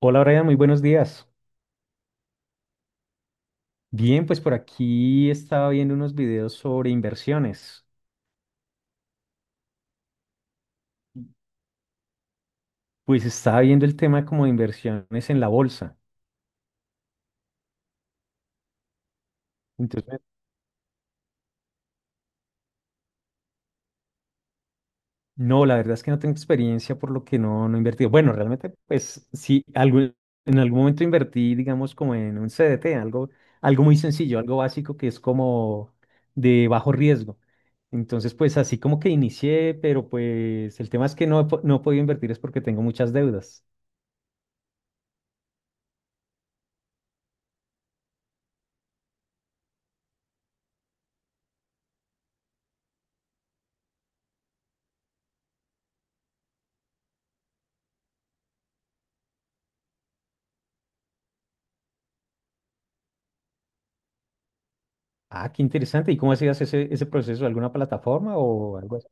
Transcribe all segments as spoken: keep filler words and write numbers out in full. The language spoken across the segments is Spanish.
Hola Brian, muy buenos días. Bien, pues por aquí estaba viendo unos videos sobre inversiones. Pues estaba viendo el tema como de inversiones en la bolsa. Entonces, me- no, la verdad es que no tengo experiencia por lo que no, no he invertido. Bueno, realmente, pues sí, algo, en algún momento invertí, digamos, como en un C D T, algo, algo muy sencillo, algo básico que es como de bajo riesgo. Entonces, pues así como que inicié, pero pues el tema es que no, he po- no he podido invertir es porque tengo muchas deudas. Ah, qué interesante. ¿Y cómo hacías ese, ese proceso? ¿Alguna plataforma o algo así?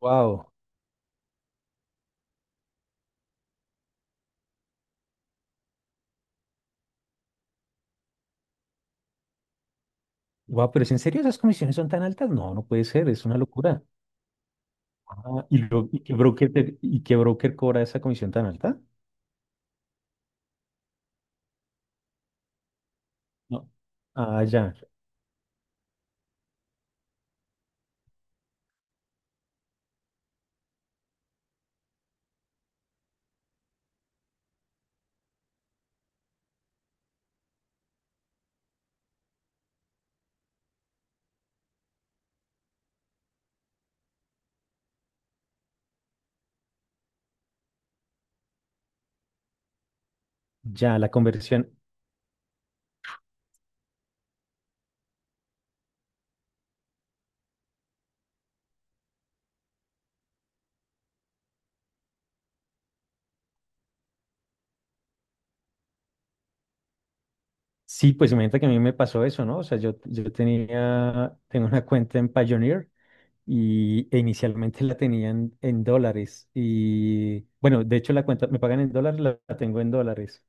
Wow. Wow, pero ¿es en serio esas comisiones son tan altas? No, no puede ser, es una locura. Ah, ¿y, lo- y qué broker te- y qué broker cobra esa comisión tan alta? No. Ah, ya, ya, la conversión. Sí, pues imagínate que a mí me pasó eso, ¿no? O sea, yo, yo tenía, tengo una cuenta en Pioneer y e inicialmente la tenían en en dólares. Y bueno, de hecho la cuenta me pagan en dólares, la la tengo en dólares.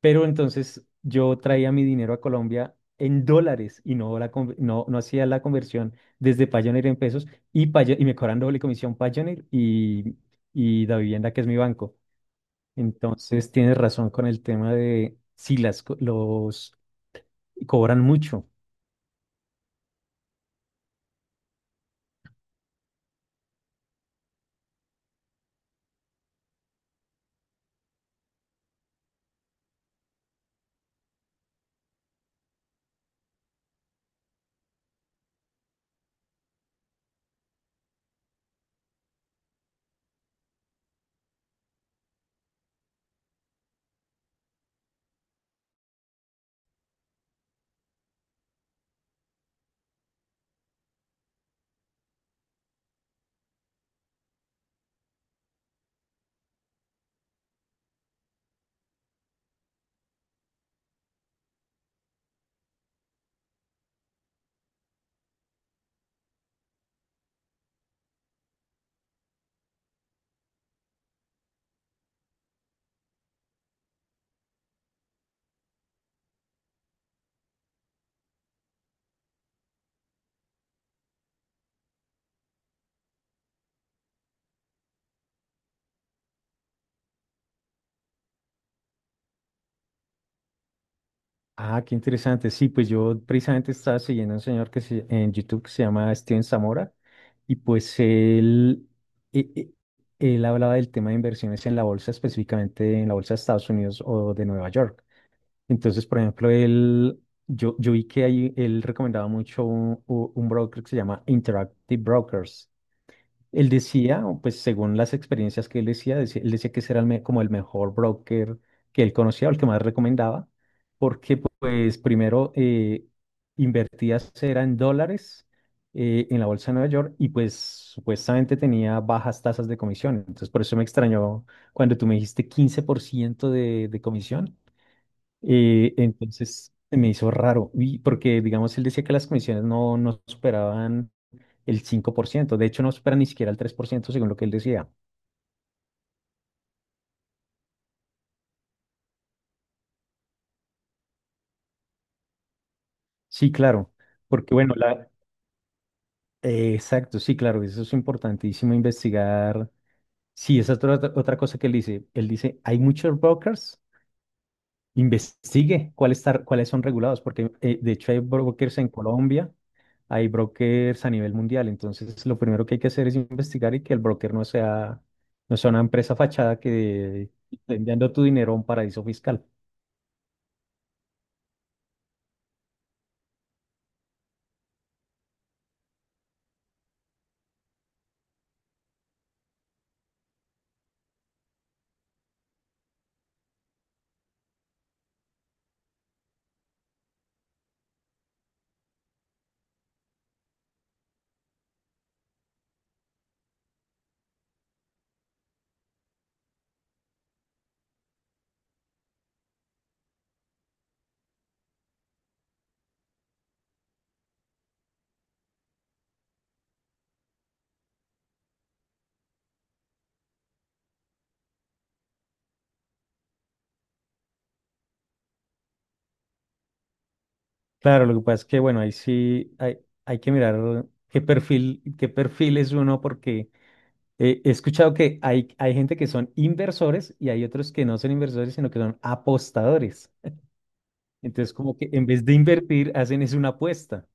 Pero entonces yo traía mi dinero a Colombia en dólares y no, la, con- no, no hacía la conversión desde Payoneer en pesos y, Payo- y me cobran doble comisión Payoneer y, y Davivienda, que es mi banco. Entonces tienes razón con el tema de si las, co- los cobran mucho. Ah, qué interesante. Sí, pues yo precisamente estaba siguiendo a un señor que se, en YouTube que se llama Steven Zamora y pues él, e- e- él hablaba del tema de inversiones en la bolsa, específicamente en la bolsa de Estados Unidos o de Nueva York. Entonces, por ejemplo, él, yo, yo vi que ahí él recomendaba mucho un, u- un broker que se llama Interactive Brokers. Él decía, o pues según las experiencias que él decía, decía- él decía que ese era el me- como el mejor broker que él conocía o el que más recomendaba, porque pues primero eh, invertías era en dólares eh, en la bolsa de Nueva York y pues supuestamente tenía bajas tasas de comisión. Entonces por eso me extrañó cuando tú me dijiste quince por ciento de, de comisión. Eh, entonces se me hizo raro, y porque digamos él decía que las comisiones no, no superaban el cinco por ciento. De hecho, no supera ni siquiera el tres por ciento según lo que él decía. Sí, claro. Porque bueno, la... eh, exacto, sí, claro, eso es importantísimo investigar. Sí, esa es otra, otra otra cosa que él dice. Él dice, hay muchos brokers, investigue cuáles, tar- cuáles son regulados, porque eh, de hecho hay brokers en Colombia, hay brokers a nivel mundial. Entonces, lo primero que hay que hacer es investigar y que el broker no sea, no sea una empresa fachada que te esté enviando tu dinero a un paraíso fiscal. Claro, lo que pasa es que, bueno, ahí sí hay, hay que mirar qué perfil, qué perfil es uno, porque eh, he escuchado que hay, hay gente que son inversores y hay otros que no son inversores, sino que son apostadores. Entonces, como que en vez de invertir, hacen es una apuesta.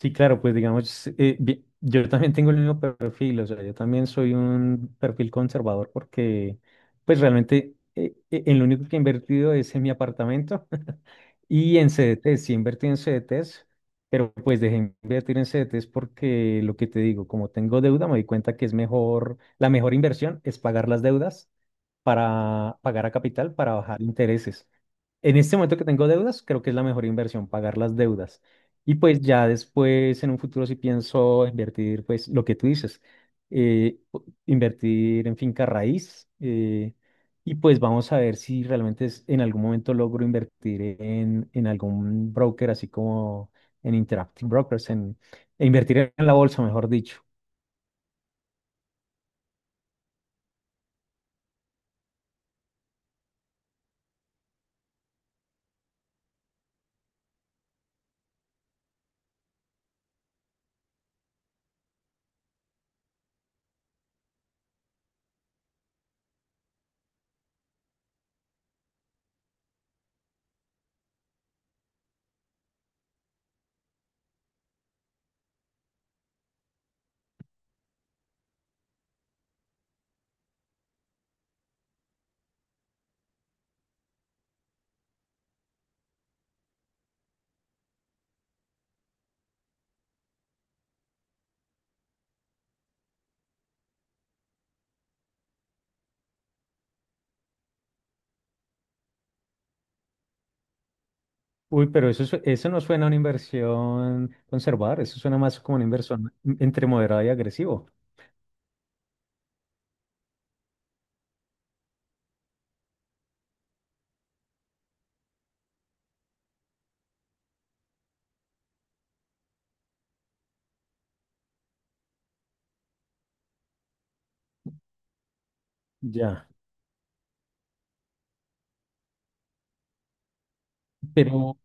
Sí, claro, pues digamos, eh, bi- yo también tengo el mismo perfil, o sea, yo también soy un perfil conservador porque, pues realmente, eh, eh, en lo único que he invertido es en mi apartamento. Y en C D Ts, sí invertí en C D Ts, pero pues dejé de invertir en C D Ts porque lo que te digo, como tengo deuda, me di cuenta que es mejor, la mejor inversión es pagar las deudas para pagar a capital para bajar intereses. En este momento que tengo deudas, creo que es la mejor inversión pagar las deudas. Y pues ya después, en un futuro, si pienso invertir, pues lo que tú dices, eh, o- invertir en finca raíz. Eh, y pues vamos a ver si realmente es- en algún momento logro invertir en, en algún broker, así como en Interactive Brokers, en, e invertir en la bolsa, mejor dicho. Uy, pero eso, su- eso no suena a una inversión conservadora, eso suena más como una inversión mm, entre moderado y agresivo. Ya, pero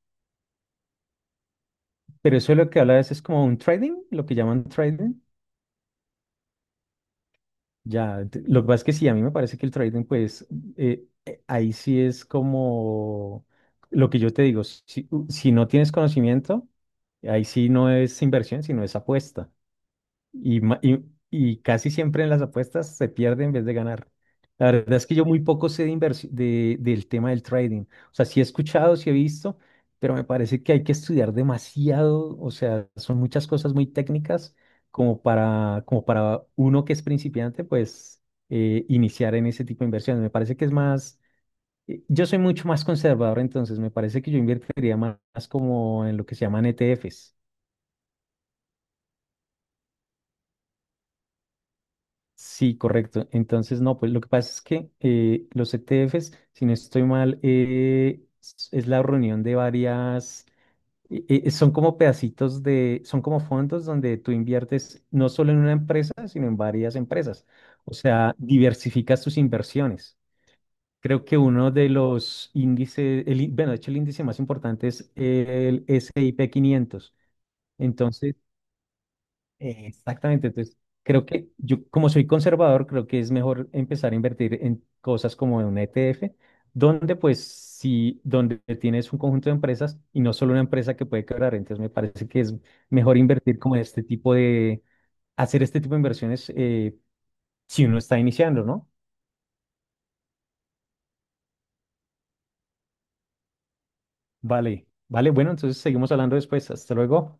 Pero eso es lo que habla es, es como un trading, lo que llaman trading. Ya, t- lo que pasa es que sí, a mí me parece que el trading, pues eh, eh, ahí sí es como lo que yo te digo, si, u- si no tienes conocimiento, ahí sí no es inversión, sino es apuesta. Y, ma- y, y casi siempre en las apuestas se pierde en vez de ganar. La verdad es que yo muy poco sé de inversi- de, del tema del trading. O sea, sí he escuchado, sí he visto, pero me parece que hay que estudiar demasiado. O sea, son muchas cosas muy técnicas como para, como para uno que es principiante, pues eh, iniciar en ese tipo de inversiones. Me parece que es más, eh, yo soy mucho más conservador, entonces me parece que yo invertiría más, más como en lo que se llaman E T Fs. Sí, correcto. Entonces, no, pues lo que pasa es que eh, los E T Fs, si no estoy mal, eh, s- es la reunión de varias, eh, eh, son como pedacitos de, son como fondos donde tú inviertes no solo en una empresa, sino en varias empresas. O sea, diversificas tus inversiones. Creo que uno de los índices, el, í- bueno, de hecho el índice más importante es el S y P quinientos. Entonces, eh, exactamente, entonces creo que yo, como soy conservador, creo que es mejor empezar a invertir en cosas como en un E T F, donde pues sí, donde tienes un conjunto de empresas y no solo una empresa que puede quebrar, entonces me parece que es mejor invertir como en este tipo de, hacer este tipo de inversiones eh, si uno está iniciando, ¿no? Vale, vale, bueno, entonces seguimos hablando después, hasta luego.